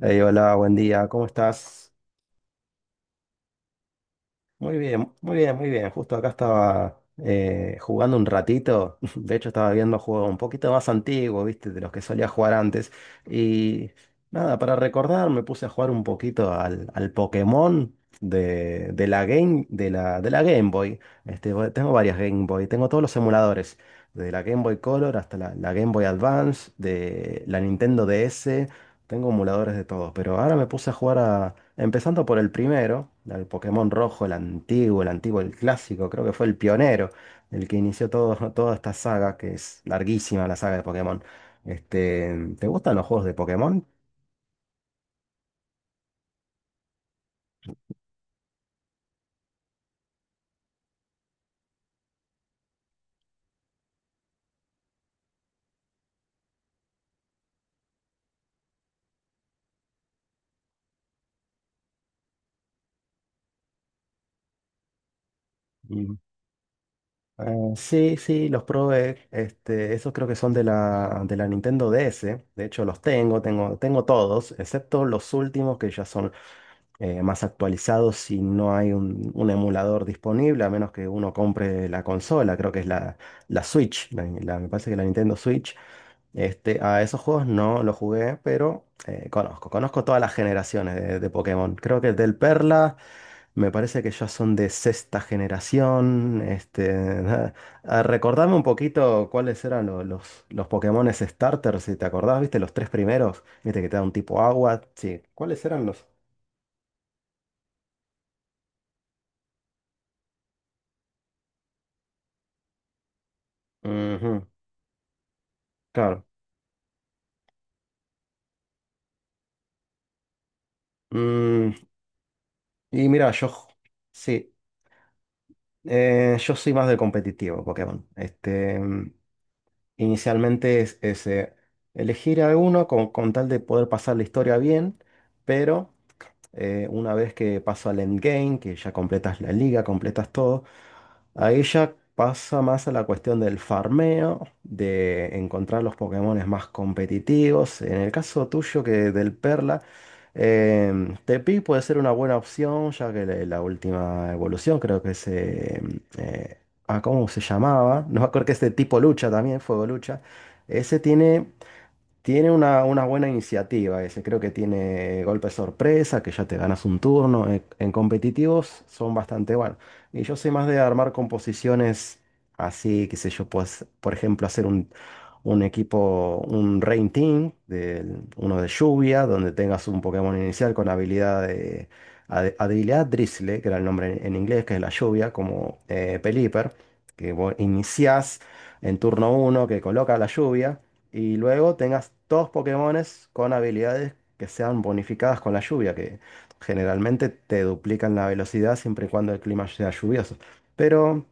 Ey, hola, buen día, ¿cómo estás? Muy bien, muy bien, muy bien. Justo acá estaba jugando un ratito. De hecho, estaba viendo juegos un poquito más antiguos, ¿viste? De los que solía jugar antes. Y nada, para recordar, me puse a jugar un poquito al Pokémon de la Game Boy. Este, bueno, tengo varias Game Boy, tengo todos los emuladores, de la Game Boy Color hasta la Game Boy Advance, de la Nintendo DS. Tengo emuladores de todo, pero ahora me puse a jugar a... Empezando por el primero, el Pokémon rojo, el antiguo, el antiguo, el clásico, creo que fue el pionero, el que inició todo, toda esta saga, que es larguísima la saga de Pokémon. Este, ¿te gustan los juegos de Pokémon? Mm. Sí, sí, los probé. Este, esos creo que son de la Nintendo DS. De hecho, los tengo, todos, excepto los últimos que ya son más actualizado si no hay un emulador disponible, a menos que uno compre la consola, creo que es la Switch, me parece que la Nintendo Switch. Este, a esos juegos no los jugué, pero conozco todas las generaciones de Pokémon. Creo que del Perla me parece que ya son de sexta generación. Este, ah, recordame un poquito cuáles eran los Pokémones starters si te acordás, viste, los tres primeros, viste que te da un tipo agua, sí, ¿cuáles eran los? Ujú. Claro. Mm, y mira, yo, sí, yo soy más de competitivo Pokémon. Este, mm, inicialmente es elegir a uno con tal de poder pasar la historia bien, pero una vez que paso al endgame, que ya completas la liga, completas todo, ahí ya pasa más a la cuestión del farmeo, de encontrar los Pokémones más competitivos. En el caso tuyo que del Perla, Tepi puede ser una buena opción, ya que la última evolución creo que ¿cómo se llamaba? No me acuerdo que es de tipo lucha también, fuego lucha. Ese tiene una buena iniciativa ese, creo que tiene golpe sorpresa, que ya te ganas un turno. En competitivos son bastante buenos. Y yo soy más de armar composiciones así, qué sé yo, pues, por ejemplo, hacer un equipo, un Rain Team, uno de lluvia, donde tengas un Pokémon inicial con habilidad habilidad Drizzle, que era el nombre inglés, que es la lluvia, como Pelipper, que vos iniciás en turno uno que coloca la lluvia. Y luego tengas dos Pokémones con habilidades que sean bonificadas con la lluvia, que generalmente te duplican la velocidad siempre y cuando el clima sea lluvioso. Pero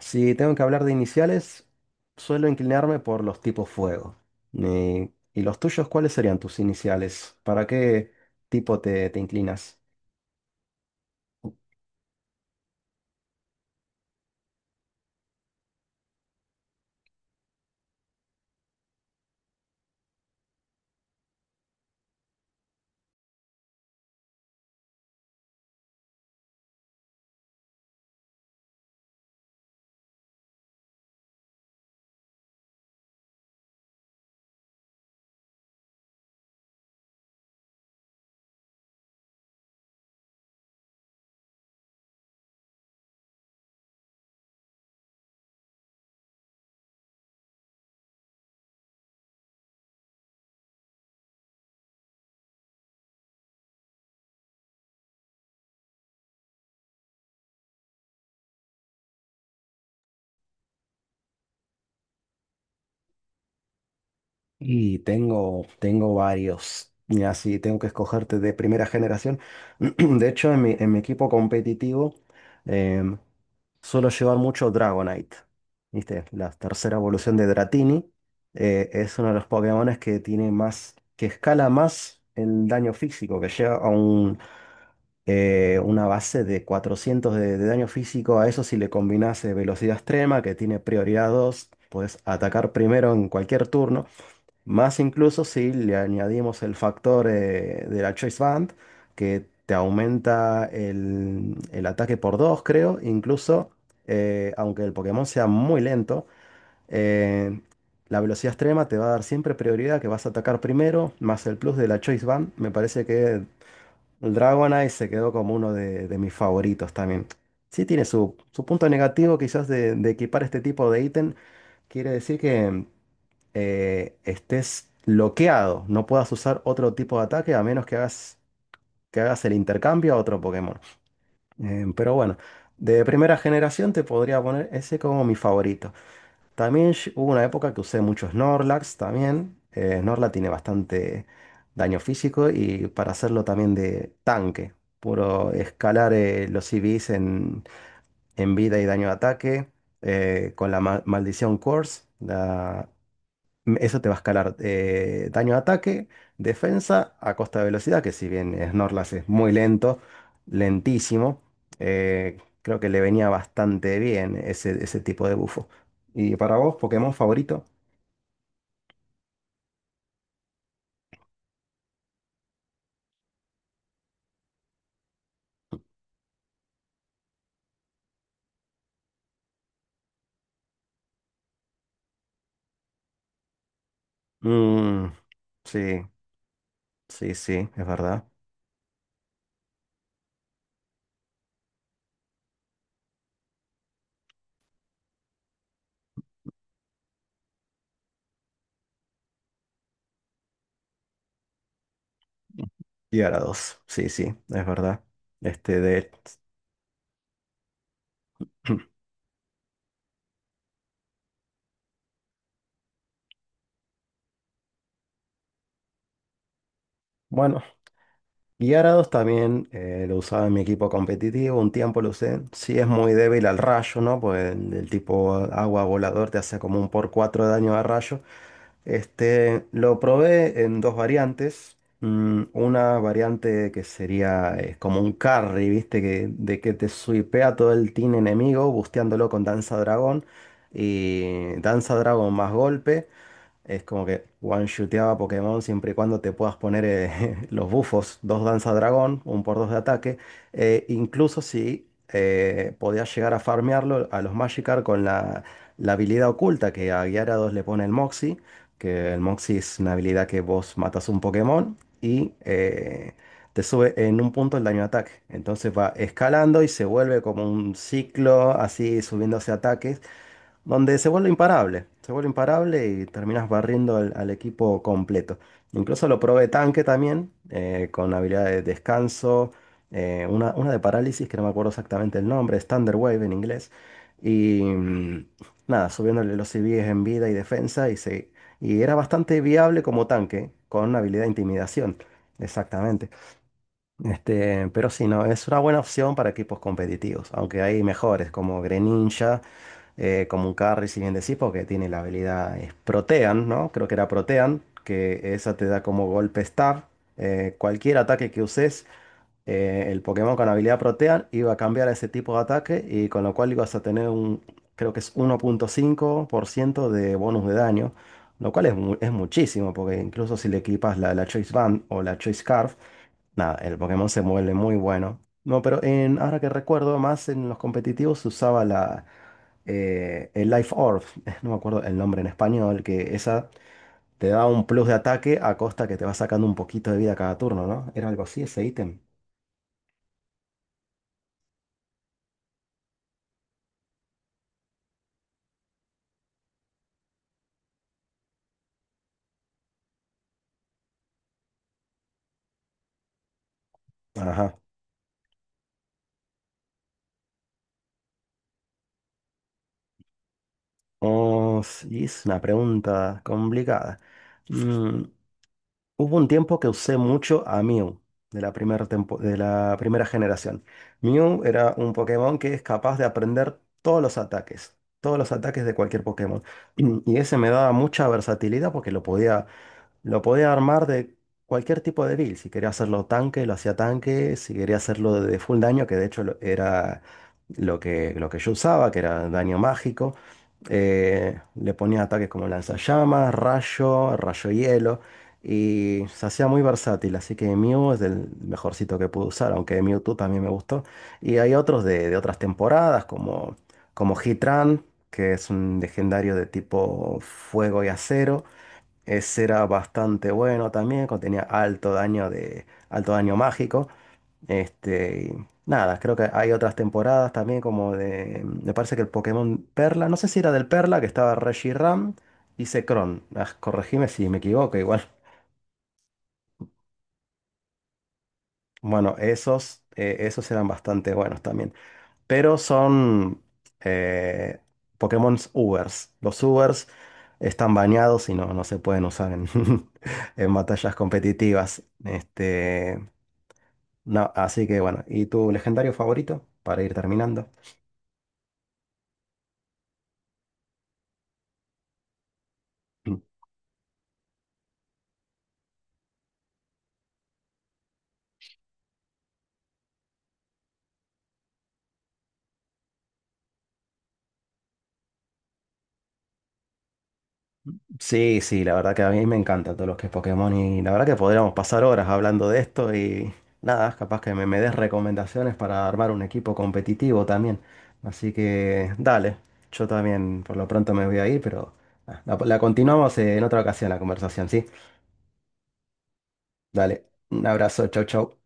si tengo que hablar de iniciales, suelo inclinarme por los tipos fuego. ¿Y los tuyos, cuáles serían tus iniciales? ¿Para qué tipo te inclinas? Y tengo, tengo varios. Y así tengo que escogerte de primera generación. De hecho, en mi equipo competitivo, suelo llevar mucho Dragonite. ¿Viste? La tercera evolución de Dratini. Es uno de los Pokémones que tiene más, que escala más el daño físico, que llega a una base de 400 de daño físico. A eso si le combinase velocidad extrema, que tiene prioridad 2, puedes atacar primero en cualquier turno. Más incluso si le añadimos el factor de la Choice Band, que te aumenta el ataque por 2 creo. Incluso, aunque el Pokémon sea muy lento, eh, la velocidad extrema te va a dar siempre prioridad, que vas a atacar primero, más el plus de la Choice Band. Me parece que el Dragonite se quedó como uno de mis favoritos también. Sí tiene su punto negativo quizás de equipar este tipo de ítem. Quiere decir que estés bloqueado. No puedas usar otro tipo de ataque a menos que que hagas el intercambio a otro Pokémon. Pero bueno, de primera generación te podría poner ese como mi favorito. También hubo una época que usé mucho Snorlax también. Snorlax tiene bastante daño físico y para hacerlo también de tanque. Puro escalar los CVs en vida y daño de ataque. Con la maldición Curse, eso te va a escalar daño a ataque, defensa a costa de velocidad, que si bien Snorlax es muy lento, lentísimo, creo que le venía bastante bien ese tipo de bufo. ¿Y para vos, Pokémon favorito? Mm, sí, sí, sí, es verdad. Y ahora dos, sí, sí, es verdad. Este de... Bueno. Y Arados también lo usaba en mi equipo competitivo, un tiempo lo usé. Sí es muy débil al rayo, ¿no? Pues el tipo agua volador te hace como un por 4 de daño a rayo. Este, lo probé en dos variantes. Una variante que sería como un carry, ¿viste? Que, de que te suipea todo el team enemigo, busteándolo con Danza Dragón. Y Danza Dragón más golpe. Es como que one shooteaba Pokémon siempre y cuando te puedas poner los bufos, dos danza dragón, un por dos de ataque. Incluso si podías llegar a farmearlo a los Magikarp con la habilidad oculta que a Gyarados le pone el Moxie, que el Moxie es una habilidad que vos matas un Pokémon y te sube en un punto el daño de ataque. Entonces va escalando y se vuelve como un ciclo así subiéndose ataques donde se vuelve imparable y terminas barriendo al equipo completo. Incluso lo probé tanque también, con habilidad de descanso, una de parálisis que no me acuerdo exactamente el nombre, es Thunder Wave en inglés. Y nada, subiéndole los CVs en vida y defensa y era bastante viable como tanque, con habilidad de intimidación, exactamente. Este, pero sí, no, es una buena opción para equipos competitivos, aunque hay mejores como Greninja como un carry, si bien decís, porque tiene la habilidad es Protean, ¿no? Creo que era Protean, que esa te da como golpe Star. Cualquier ataque que uses, el Pokémon con habilidad Protean iba a cambiar a ese tipo de ataque y con lo cual ibas a tener creo que es 1,5% de bonus de daño, lo cual es muchísimo, porque incluso si le equipas la Choice Band o la Choice Scarf, nada, el Pokémon se mueve muy bueno. No, pero ahora que recuerdo, más en los competitivos se usaba la, el Life Orb, no me acuerdo el nombre en español, que esa te da un plus de ataque a costa que te va sacando un poquito de vida cada turno, ¿no? Era algo así ese ítem. Ajá. Oh, sí, es una pregunta complicada. Mm, Hubo un tiempo que usé mucho a Mew de la primera generación. Mew era un Pokémon que es capaz de aprender todos los ataques de cualquier Pokémon. Y ese me daba mucha versatilidad porque lo podía armar de cualquier tipo de build. Si quería hacerlo tanque, lo hacía tanque. Si quería hacerlo de full daño, que de hecho era lo que yo usaba, que era daño mágico. Le ponía ataques como lanzallamas, rayo, rayo hielo. Y se hacía muy versátil. Así que Mew es el mejorcito que pude usar, aunque Mewtwo también me gustó. Y hay otros de otras temporadas, como Heatran, que es un legendario de tipo fuego y acero. Ese era bastante bueno también, contenía alto daño de alto daño mágico. Este, y nada, creo que hay otras temporadas también como de me parece que el Pokémon Perla, no sé si era del Perla que estaba Reshiram y Zekrom. Ah, corregime si me equivoco, igual. Bueno, esos eran bastante buenos también. Pero son eh, Pokémon Ubers. Los Ubers están bañados y no, no se pueden usar en, en batallas competitivas. Este, no, así que bueno, ¿y tu legendario favorito? Para ir terminando. Sí, sí, la verdad que a mí me encanta todo lo que es Pokémon y la verdad que podríamos pasar horas hablando de esto y nada, capaz que me des recomendaciones para armar un equipo competitivo también. Así que dale, yo también por lo pronto me voy a ir, pero la continuamos en otra ocasión la conversación, ¿sí? Dale, un abrazo, chau, chau.